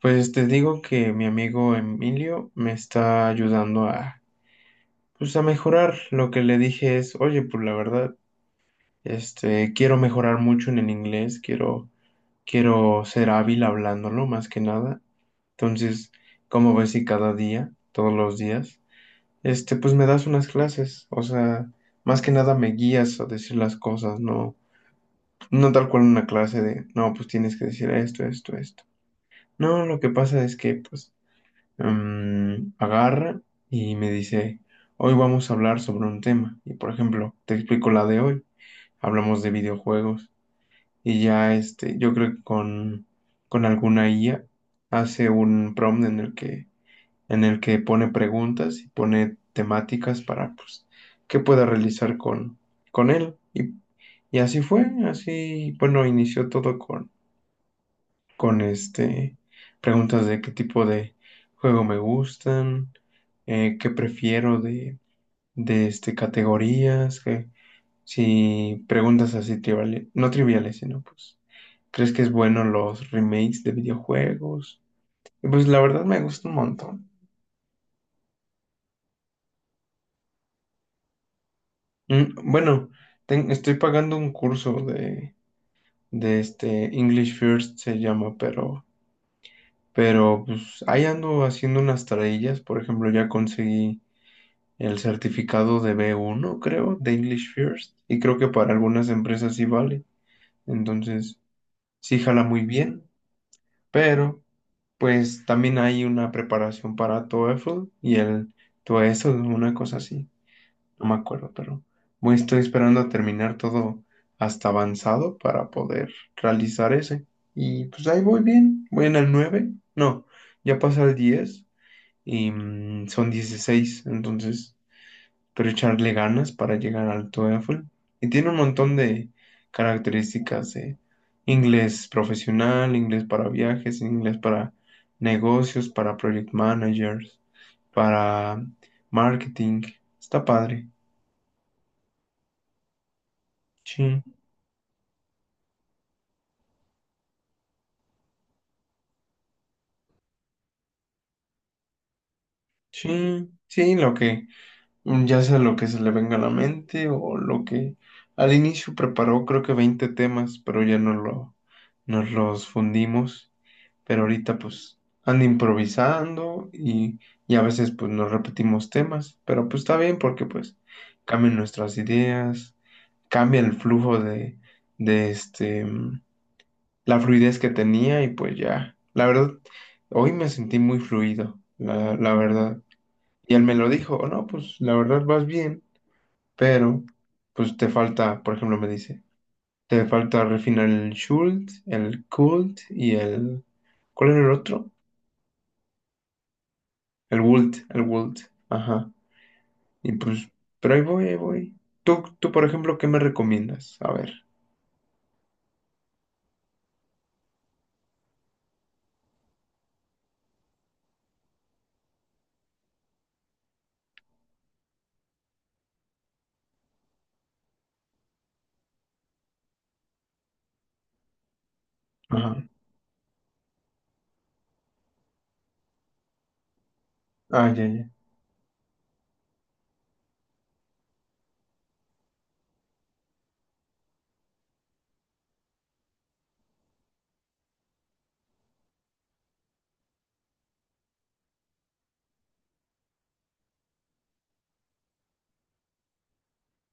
Pues te digo que mi amigo Emilio me está ayudando a, pues, a mejorar. Lo que le dije es: oye, pues la verdad, quiero mejorar mucho en el inglés, quiero ser hábil hablándolo más que nada. Entonces, como ves si cada día, todos los días, pues me das unas clases, o sea, más que nada me guías a decir las cosas, no, no tal cual una clase de: no, pues tienes que decir esto, esto, esto. No, lo que pasa es que, pues, agarra y me dice: hoy vamos a hablar sobre un tema. Y por ejemplo, te explico la de hoy. Hablamos de videojuegos. Y ya, yo creo que con alguna IA hace un prompt en el que pone preguntas y pone temáticas para, pues, que pueda realizar con él. Y así fue. Así, bueno, inició todo con con este preguntas de qué tipo de juego me gustan, qué prefiero de, de categorías, que si preguntas así triviales, no triviales, sino, pues, ¿crees que es bueno los remakes de videojuegos? Y pues la verdad me gusta un montón. Bueno, estoy pagando un curso de, de English First se llama, pero pues ahí ando haciendo unas tareillas. Por ejemplo, ya conseguí el certificado de B1, creo, de English First, y creo que para algunas empresas sí vale. Entonces, sí jala muy bien, pero pues también hay una preparación para TOEFL y el TOESL, una cosa así, no me acuerdo, pero muy estoy esperando a terminar todo hasta avanzado para poder realizar ese. Y pues ahí voy bien, voy en el nueve, no, ya pasa el 10 y, son 16, entonces pero echarle ganas para llegar al TOEFL. Y tiene un montón de características: inglés profesional, inglés para viajes, inglés para negocios, para project managers, para marketing. Está padre. Sí, sí, sí, lo que, ya sea lo que se le venga a la mente o lo que al inicio preparó creo que 20 temas, pero ya no nos los fundimos. Pero ahorita pues ando improvisando y a veces pues nos repetimos temas, pero pues está bien porque pues cambian nuestras ideas, cambia el flujo de, de la fluidez que tenía. Y pues ya, la verdad, hoy me sentí muy fluido, la verdad. Y él me lo dijo: "Oh, no, pues la verdad vas bien, pero pues te falta, por ejemplo, me dice, te falta refinar el Schuld, el Kult y el... ¿cuál era el otro? El Wult, el Wult". Ajá. Y pues, pero ahí voy, ahí voy. Tú, por ejemplo, ¿qué me recomiendas? A ver. Ajá. Ah, ya, ya.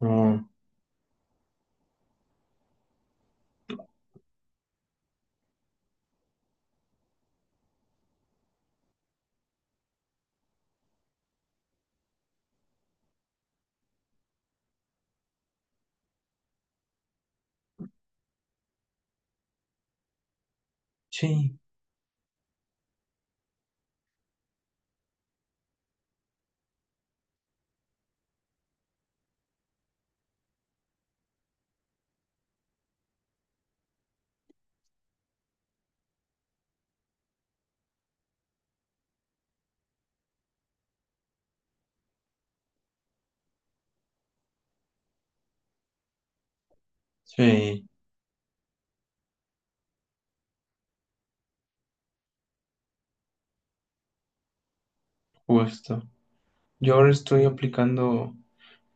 Oh, sí, sí, justo. Yo ahora estoy aplicando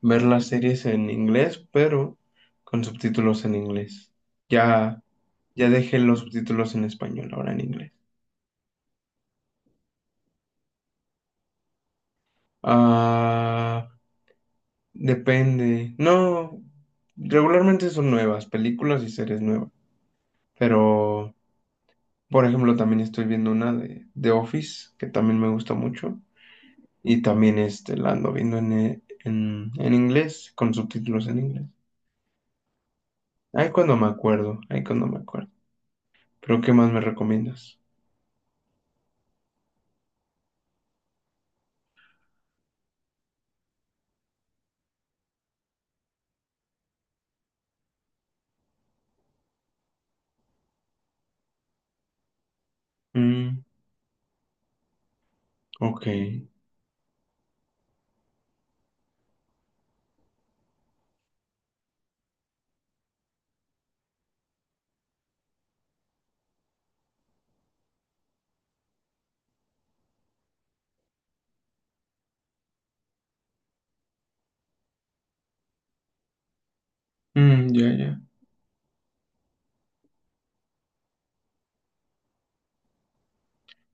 ver las series en inglés, pero con subtítulos en inglés. Ya, ya dejé los subtítulos en español, ahora en inglés. Ah, depende. No, regularmente son nuevas, películas y series nuevas. Pero Por ejemplo, también estoy viendo una de Office, que también me gusta mucho, y también, la ando viendo en inglés, con subtítulos en inglés. Ahí cuando me acuerdo, ahí cuando me acuerdo. Pero, ¿qué más me recomiendas? Mm, ok. Mm, ya, ya.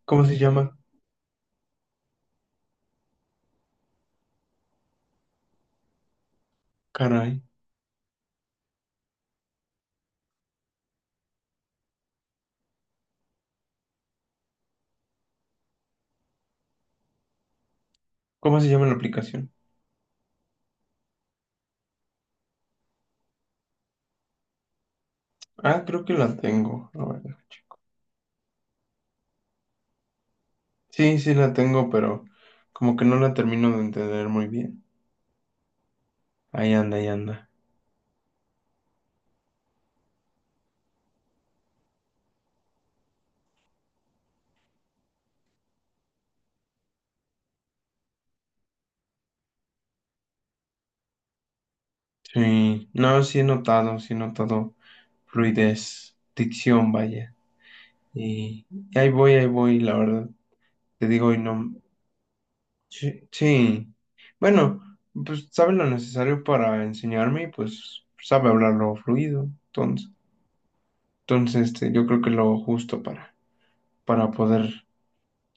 ¿Cómo se llama? Caray. ¿Cómo se llama la aplicación? Ah, creo que la tengo, la verdad. Sí, sí la tengo, pero como que no la termino de entender muy bien. Ahí anda, ahí anda. Sí, no, sí he notado fluidez, dicción, vaya. Y ahí voy, la verdad. Te digo, y no. Sí, sí. Bueno, pues sabe lo necesario para enseñarme y pues sabe hablarlo fluido. Entonces, yo creo que lo justo para poder,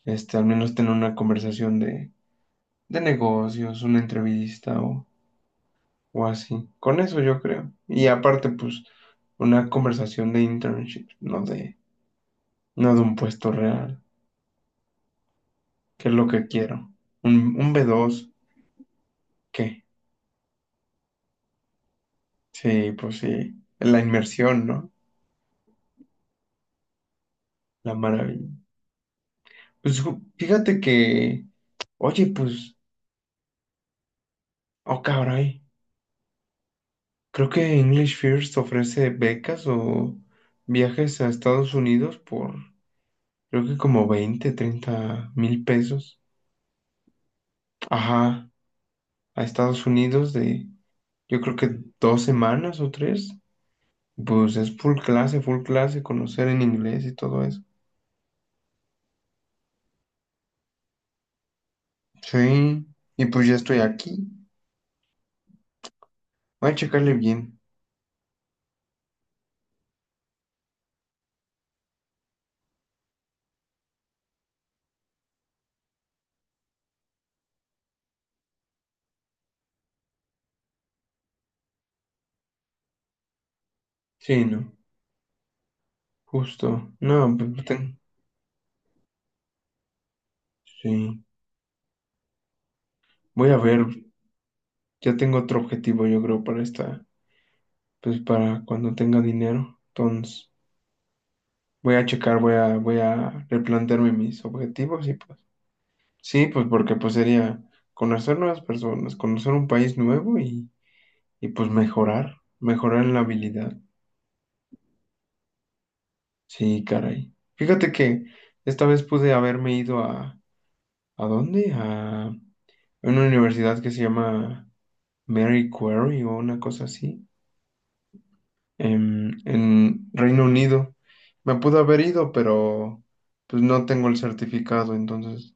al menos tener una conversación de negocios, una entrevista o así. Con eso yo creo. Y aparte, pues, una conversación de internship, no de un puesto real. ¿Qué es lo que quiero? ¿Un B2? Dos, qué. Sí, pues sí. La inmersión, ¿no? La maravilla. Pues fíjate que, oye, pues, oh caray, creo que English First ofrece becas o viajes a Estados Unidos por, creo que como 20, 30,000 pesos. Ajá, a Estados Unidos yo creo que 2 semanas o 3. Pues es full clase, conocer en inglés y todo eso. Sí, y pues ya estoy aquí. Voy a checarle bien. Sí, no, justo. No, pues. Sí, voy a ver. Ya tengo otro objetivo, yo creo, para esta, pues para cuando tenga dinero. Entonces, voy a checar, voy a replantearme mis objetivos y pues. Sí, pues porque pues sería conocer nuevas personas, conocer un país nuevo y pues mejorar, mejorar en la habilidad. Sí, caray. Fíjate que esta vez pude haberme ido ¿a dónde?, en una universidad que se llama Mary Quarry o una cosa así, en Reino Unido. Me pude haber ido, pero pues no tengo el certificado, entonces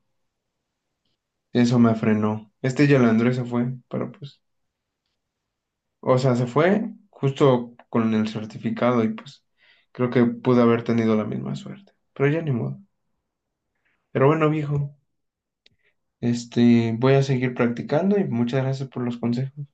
eso me frenó. Este Yalandré se fue, pero pues, o sea, se fue justo con el certificado y pues creo que pude haber tenido la misma suerte, pero ya ni modo. Pero bueno, viejo, voy a seguir practicando y muchas gracias por los consejos.